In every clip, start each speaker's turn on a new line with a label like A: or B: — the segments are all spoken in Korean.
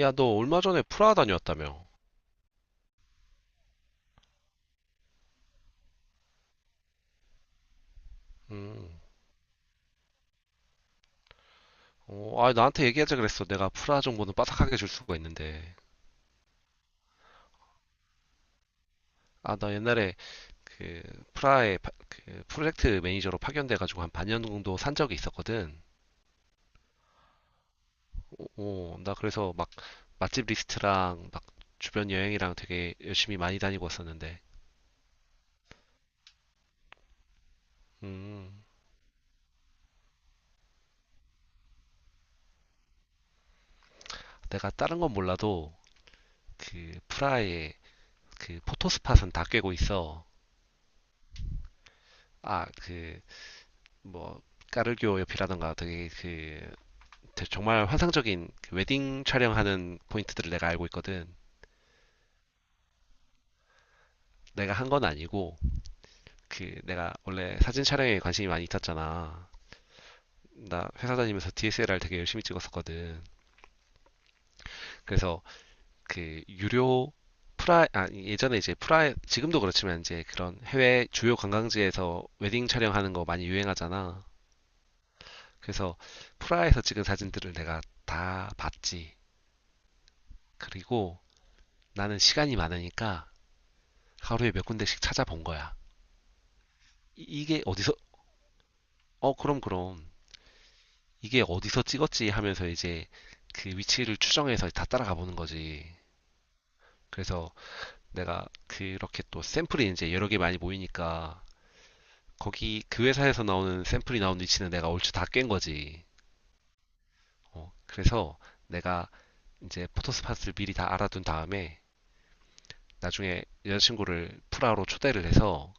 A: 야, 너 얼마 전에 프라하 다녀왔다며? 어, 아, 나한테 얘기하자 그랬어. 내가 프라하 정보는 빠삭하게 줄 수가 있는데. 아, 나 옛날에 그 프라하의 그 프로젝트 매니저로 파견돼가지고 한 반년 정도 산 적이 있었거든. 어, 어, 나 그래서 막 맛집 리스트랑 막 주변 여행이랑 되게 열심히 많이 다니고 왔었는데. 음, 내가 다른 건 몰라도 그 프라하의 그 포토스팟은 다 꿰고 있어. 아, 그 뭐 까르교 옆이라던가 되게 그 정말 환상적인 그 웨딩 촬영하는 포인트들을 내가 알고 있거든. 내가 한 건 아니고, 그, 내가 원래 사진 촬영에 관심이 많이 있었잖아. 나 회사 다니면서 DSLR 되게 열심히 찍었었거든. 그래서 그 유료 아, 예전에 이제 지금도 그렇지만 이제 그런 해외 주요 관광지에서 웨딩 촬영하는 거 많이 유행하잖아. 그래서 프라에서 찍은 사진들을 내가 다 봤지. 그리고 나는 시간이 많으니까 하루에 몇 군데씩 찾아본 거야. 이게 어디서 어, 그럼, 그럼. 이게 어디서 찍었지 하면서 이제 그 위치를 추정해서 다 따라가 보는 거지. 그래서 내가 그렇게 또 샘플이 이제 여러 개 많이 모이니까 거기 그 회사에서 나오는 샘플이 나온 위치는 내가 얼추 다 깬 거지. 어, 그래서 내가 이제 포토스팟을 미리 다 알아둔 다음에 나중에 여자친구를 프라로 초대를 해서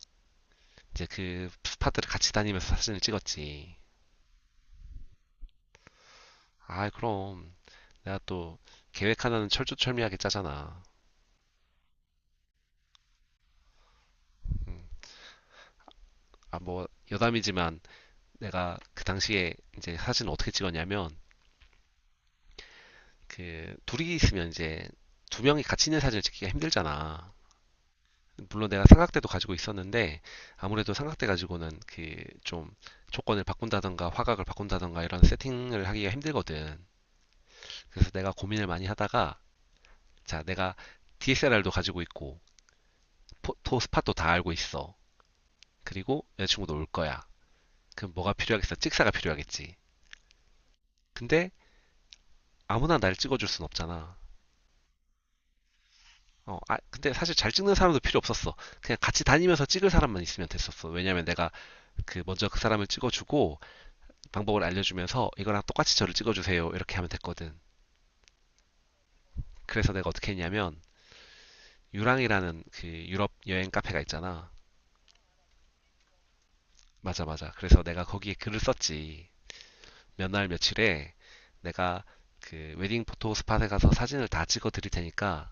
A: 이제 그 스팟들을 같이 다니면서 사진을 찍었지. 아, 그럼 내가 또 계획 하나는 철두철미하게 짜잖아. 음. 아, 뭐, 여담이지만 내가 그 당시에 이제 사진을 어떻게 찍었냐면, 그, 둘이 있으면 이제 두 명이 같이 있는 사진을 찍기가 힘들잖아. 물론 내가 삼각대도 가지고 있었는데, 아무래도 삼각대 가지고는 그, 좀, 조건을 바꾼다던가 화각을 바꾼다던가 이런 세팅을 하기가 힘들거든. 그래서 내가 고민을 많이 하다가, 자, 내가 DSLR도 가지고 있고, 포토 스팟도 다 알고 있어. 그리고 여자친구도 올 거야. 그럼 뭐가 필요하겠어? 찍사가 필요하겠지. 근데 아무나 날 찍어줄 순 없잖아. 어, 아, 근데 사실 잘 찍는 사람도 필요 없었어. 그냥 같이 다니면서 찍을 사람만 있으면 됐었어. 왜냐면 내가 그 먼저 그 사람을 찍어주고 방법을 알려주면서 이거랑 똑같이 저를 찍어주세요. 이렇게 하면 됐거든. 그래서 내가 어떻게 했냐면 유랑이라는 그 유럽 여행 카페가 있잖아. 맞아, 맞아. 그래서 내가 거기에 글을 썼지. 몇 날 며칠에 내가 그 웨딩 포토 스팟에 가서 사진을 다 찍어 드릴 테니까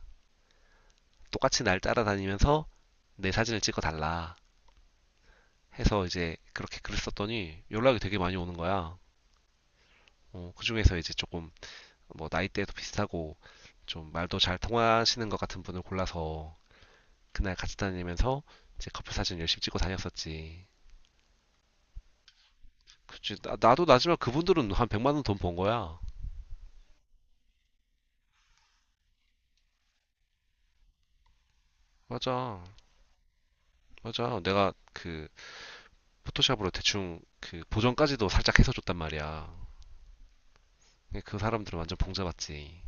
A: 똑같이 날 따라다니면서 내 사진을 찍어 달라 해서 이제 그렇게 글을 썼더니 연락이 되게 많이 오는 거야. 어, 그중에서 이제 조금 뭐 나이대도 비슷하고 좀 말도 잘 통하시는 것 같은 분을 골라서 그날 같이 다니면서 이제 커플 사진 열심히 찍고 다녔었지. 그치, 나, 도 나지만 그분들은 한 100만 원 돈 번 거야. 맞아. 맞아. 내가 그 포토샵으로 대충 그 보정까지도 살짝 해서 줬단 말이야. 그 사람들은 완전 봉잡았지.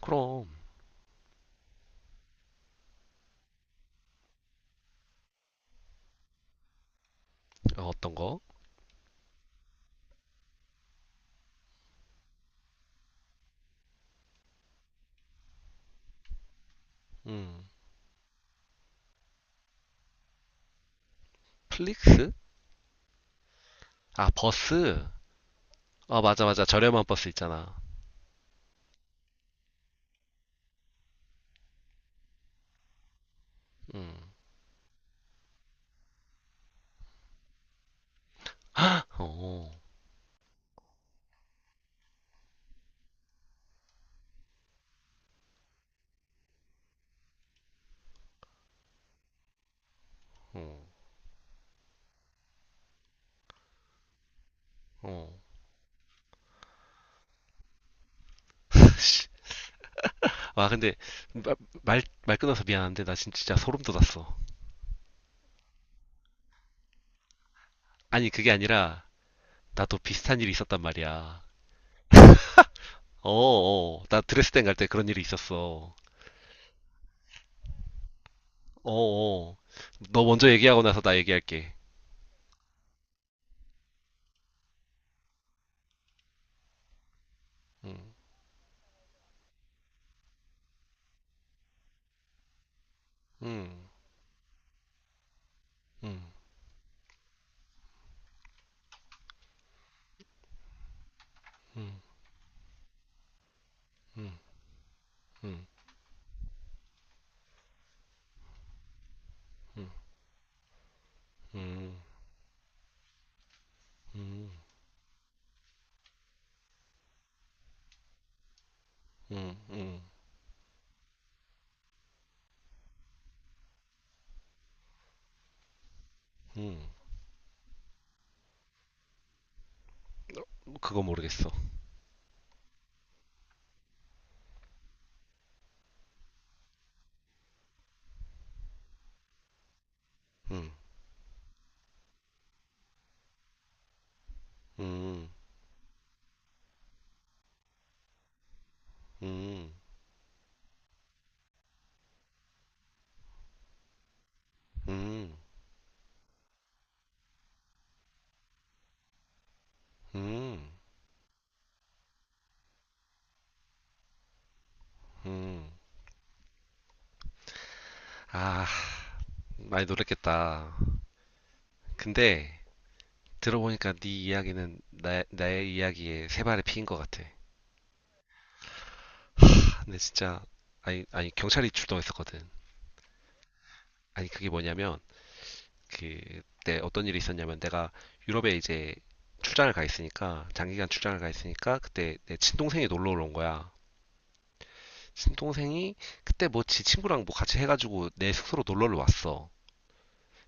A: 그럼 어, 떤 거? 플릭스? 아, 버스. 아, 맞아 맞아. 저렴한 버스 있잖아. 어. 어. 어. 와 근데 마- 말 끊어서 미안한데 나 진짜 소름 돋았어. 아니, 그게 아니라 나도 비슷한 일이 있었단 말이야. 어, 어. 나 드레스덴 갈 때 그런 일이 있었어. 어, 어. 너 먼저 얘기하고 나서 나 얘기할게. 음, 음, 음, 음, 음, 음, 음, 음, 음, 음, 음, 음. 그거 모르겠어. 음, 음, 음, 음, 음, 음. 아, 많이 놀랬겠다. 근데 들어보니까 네 이야기는 나, 나의 이야기에 세 발의 피인 것 같아. 아, 근데 진짜 아니 아니 경찰이 출동했었거든. 아니 그게 뭐냐면 그때 어떤 일이 있었냐면 내가 유럽에 이제 출장을 가 있으니까 장기간 출장을 가 있으니까 그때 내 친동생이 놀러 온 거야. 친동생이 그때 뭐지 친구랑 뭐 같이 해가지고 내 숙소로 놀러를 왔어.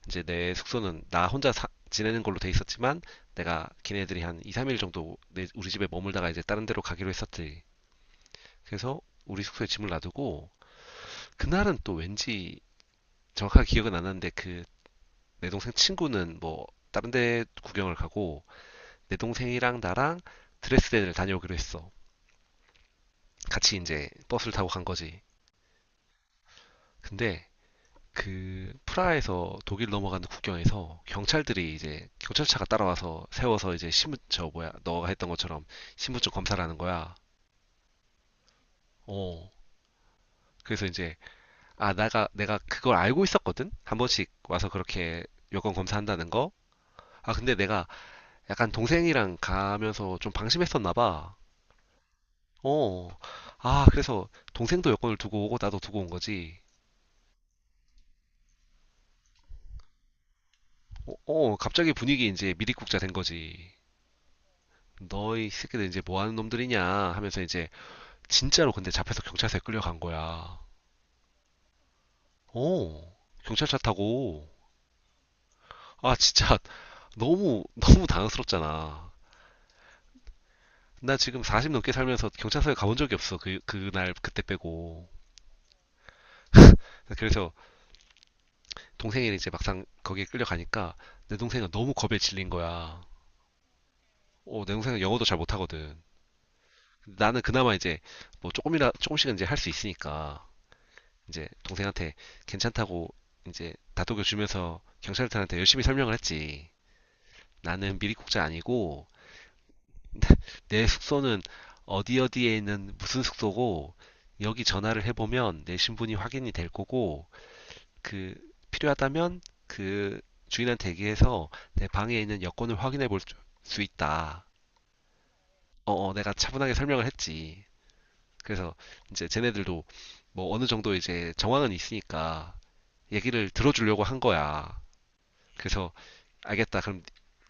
A: 이제 내 숙소는 나 혼자 지내는 걸로 돼 있었지만 내가 걔네들이 한 2, 3일 정도 우리 집에 머물다가 이제 다른 데로 가기로 했었지. 그래서 우리 숙소에 짐을 놔두고 그날은 또 왠지 정확하게 기억은 안 나는데 그 내 동생 친구는 뭐 다른 데 구경을 가고 내 동생이랑 나랑 드레스덴을 다녀오기로 했어. 같이 이제 버스를 타고 간 거지. 근데 그 프라하에서 독일 넘어가는 국경에서 경찰들이 이제 경찰차가 따라와서 세워서 이제 신분 저 뭐야 너가 했던 것처럼 신분증 검사를 하는 거야. 어. 그래서 이제 아, 내가, 내가 그걸 알고 있었거든? 한 번씩 와서 그렇게 여권 검사한다는 거? 아, 근데 내가 약간 동생이랑 가면서 좀 방심했었나 봐. 어. 아, 그래서 동생도 여권을 두고 오고 나도 두고 온 거지. 어, 어, 갑자기 분위기 이제 미리국자 된 거지. 너희 새끼들 이제 뭐 하는 놈들이냐 하면서 이제 진짜로 근데 잡혀서 경찰서에 끌려간 거야. 어. 경찰차 타고. 아, 진짜 너무, 너무 당황스럽잖아. 나 지금 40 넘게 살면서 경찰서에 가본 적이 없어. 그, 그날, 그때 빼고. 그래서 동생이 이제 막상 거기에 끌려가니까 내 동생은 너무 겁에 질린 거야. 어, 내 동생은 영어도 잘 못하거든. 나는 그나마 이제 뭐 조금이라, 조금씩은 이제 할 수 있으니까 이제 동생한테 괜찮다고 이제 다독여 주면서 경찰들한테 열심히 설명을 했지. 나는 미리국자 아니고 내 숙소는 어디 어디에 있는 무슨 숙소고 여기 전화를 해보면 내 신분이 확인이 될 거고 그 필요하다면 그 주인한테 얘기해서 내 방에 있는 여권을 확인해 볼 수 있다. 어, 어, 내가 차분하게 설명을 했지. 그래서 이제 쟤네들도 뭐 어느 정도 이제 정황은 있으니까 얘기를 들어주려고 한 거야. 그래서 알겠다. 그럼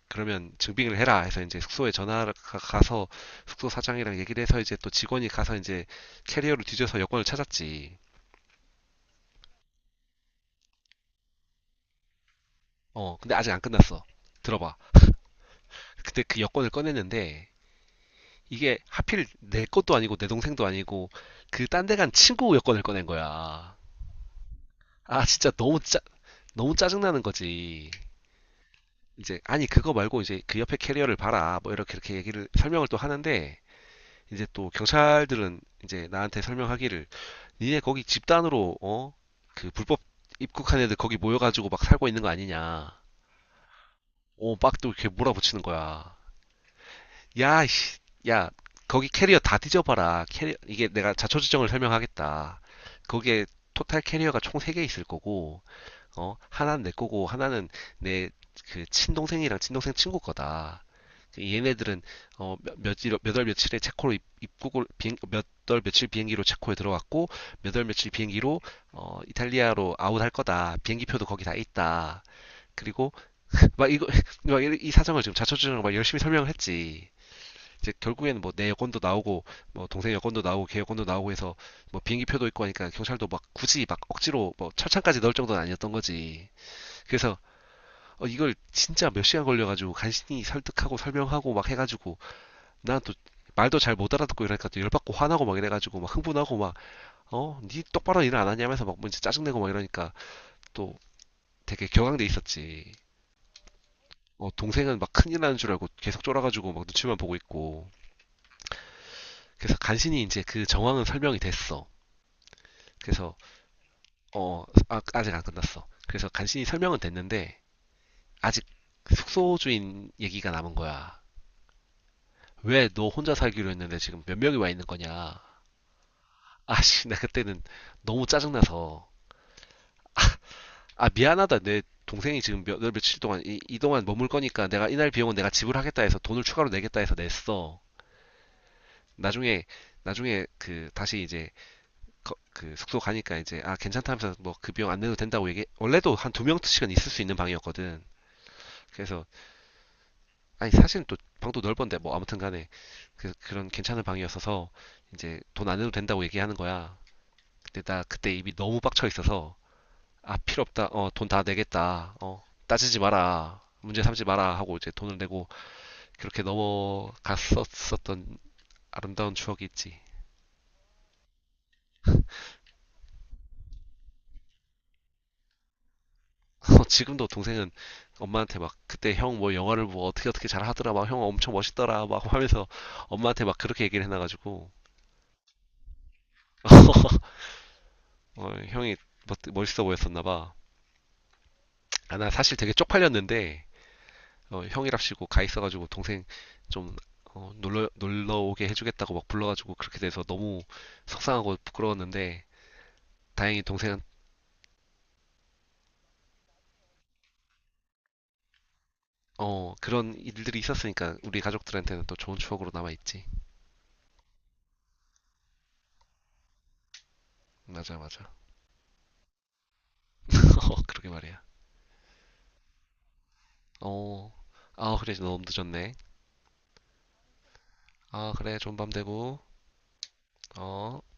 A: 그러면 증빙을 해라 해서 이제 숙소에 전화가 가서 숙소 사장이랑 얘기를 해서 이제 또 직원이 가서 이제 캐리어를 뒤져서 여권을 찾았지. 어, 근데 아직 안 끝났어. 들어봐. 그때 그 여권을 꺼냈는데 이게 하필 내 것도 아니고 내 동생도 아니고 그 딴 데 간 친구 여권을 꺼낸 거야. 아 진짜 너무 짜 너무 짜증나는 거지. 이제 아니 그거 말고 이제 그 옆에 캐리어를 봐라 뭐 이렇게 이렇게 얘기를 설명을 또 하는데 이제 또 경찰들은 이제 나한테 설명하기를 니네 거기 집단으로 어 그 불법 입국한 애들 거기 모여가지고 막 살고 있는 거 아니냐. 오 막 또 이렇게 몰아붙이는 거야. 야, 씨, 야, 거기 캐리어 다 뒤져봐라. 캐리 이게 내가 자초지종을 설명하겠다. 거기에 토탈 캐리어가 총 3개 있을 거고, 어, 하나는 내 거고, 하나는 내 그 친동생이랑 친동생 친구 거다. 그 얘네들은 어, 몇월 며칠에 체코로 입국을 몇월 며칠 비행기로 체코에 들어왔고, 몇월 며칠 비행기로 어, 이탈리아로 아웃할 거다. 비행기표도 거기 다 있다. 그리고 막 이거 막 이 사정을 지금 자초지종을 막 열심히 설명을 했지. 이제 결국에는 뭐 내 여권도 나오고 뭐 동생 여권도 나오고 걔 여권도 나오고 해서 뭐 비행기 표도 있고 하니까 경찰도 막 굳이 막 억지로 뭐 철창까지 넣을 정도는 아니었던 거지. 그래서 어, 이걸 진짜 몇 시간 걸려가지고 간신히 설득하고 설명하고 막 해가지고 난 또 말도 잘 못 알아듣고 이러니까 또 열받고 화나고 막 이래가지고 막 흥분하고 막 어? 니 똑바로 일을 안 하냐면서 막 뭔지 짜증내고 막 이러니까 또 되게 격앙돼 있었지. 어, 동생은 막 큰일 나는 줄 알고 계속 쫄아가지고 막 눈치만 보고 있고. 그래서 간신히 이제 그 정황은 설명이 됐어. 그래서 어 아, 아직 안 끝났어. 그래서 간신히 설명은 됐는데 아직 숙소 주인 얘기가 남은 거야. 왜 너 혼자 살기로 했는데 지금 몇 명이 와 있는 거냐? 아씨 나 그때는 너무 짜증나서 아 미안하다 내 동생이 지금 몇, 며칠 동안 이 동안 머물 거니까 내가 이날 비용은 내가 지불하겠다 해서 돈을 추가로 내겠다 해서 냈어. 나중에 나중에 그 다시 이제 그 숙소 가니까 이제 아 괜찮다면서 뭐 그 비용 안 내도 된다고 얘기 원래도 한 두 명씩은 있을 수 있는 방이었거든. 그래서 아니 사실 또 방도 넓은데 뭐 아무튼 간에 그, 그런 괜찮은 방이었어서 이제 돈 안 내도 된다고 얘기하는 거야. 근데 나 그때 입이 너무 빡쳐 있어서 아 필요 없다. 어 돈 다 내겠다. 어 따지지 마라. 문제 삼지 마라 하고 이제 돈을 내고 그렇게 넘어갔었었던 아름다운 추억이 있지. 어, 지금도 동생은 엄마한테 막 그때 형 뭐 영화를 뭐 어떻게 어떻게 잘 하더라 막 형 엄청 멋있더라 막 하면서 엄마한테 막 그렇게 얘기를 해놔가지고 어, 형이 멋있어 보였었나 봐. 아, 나 사실 되게 쪽팔렸는데, 어, 형이랍시고 가 있어가지고 동생 좀 어, 놀러 오게 해주겠다고 막 불러가지고 그렇게 돼서 너무 속상하고 부끄러웠는데, 다행히 동생은, 어, 그런 일들이 있었으니까 우리 가족들한테는 또 좋은 추억으로 남아있지. 맞아, 맞아. 어, 그러게 말이야. 어, 아, 그래, 너무 늦었네. 아, 그래, 좋은 밤 되고, 어.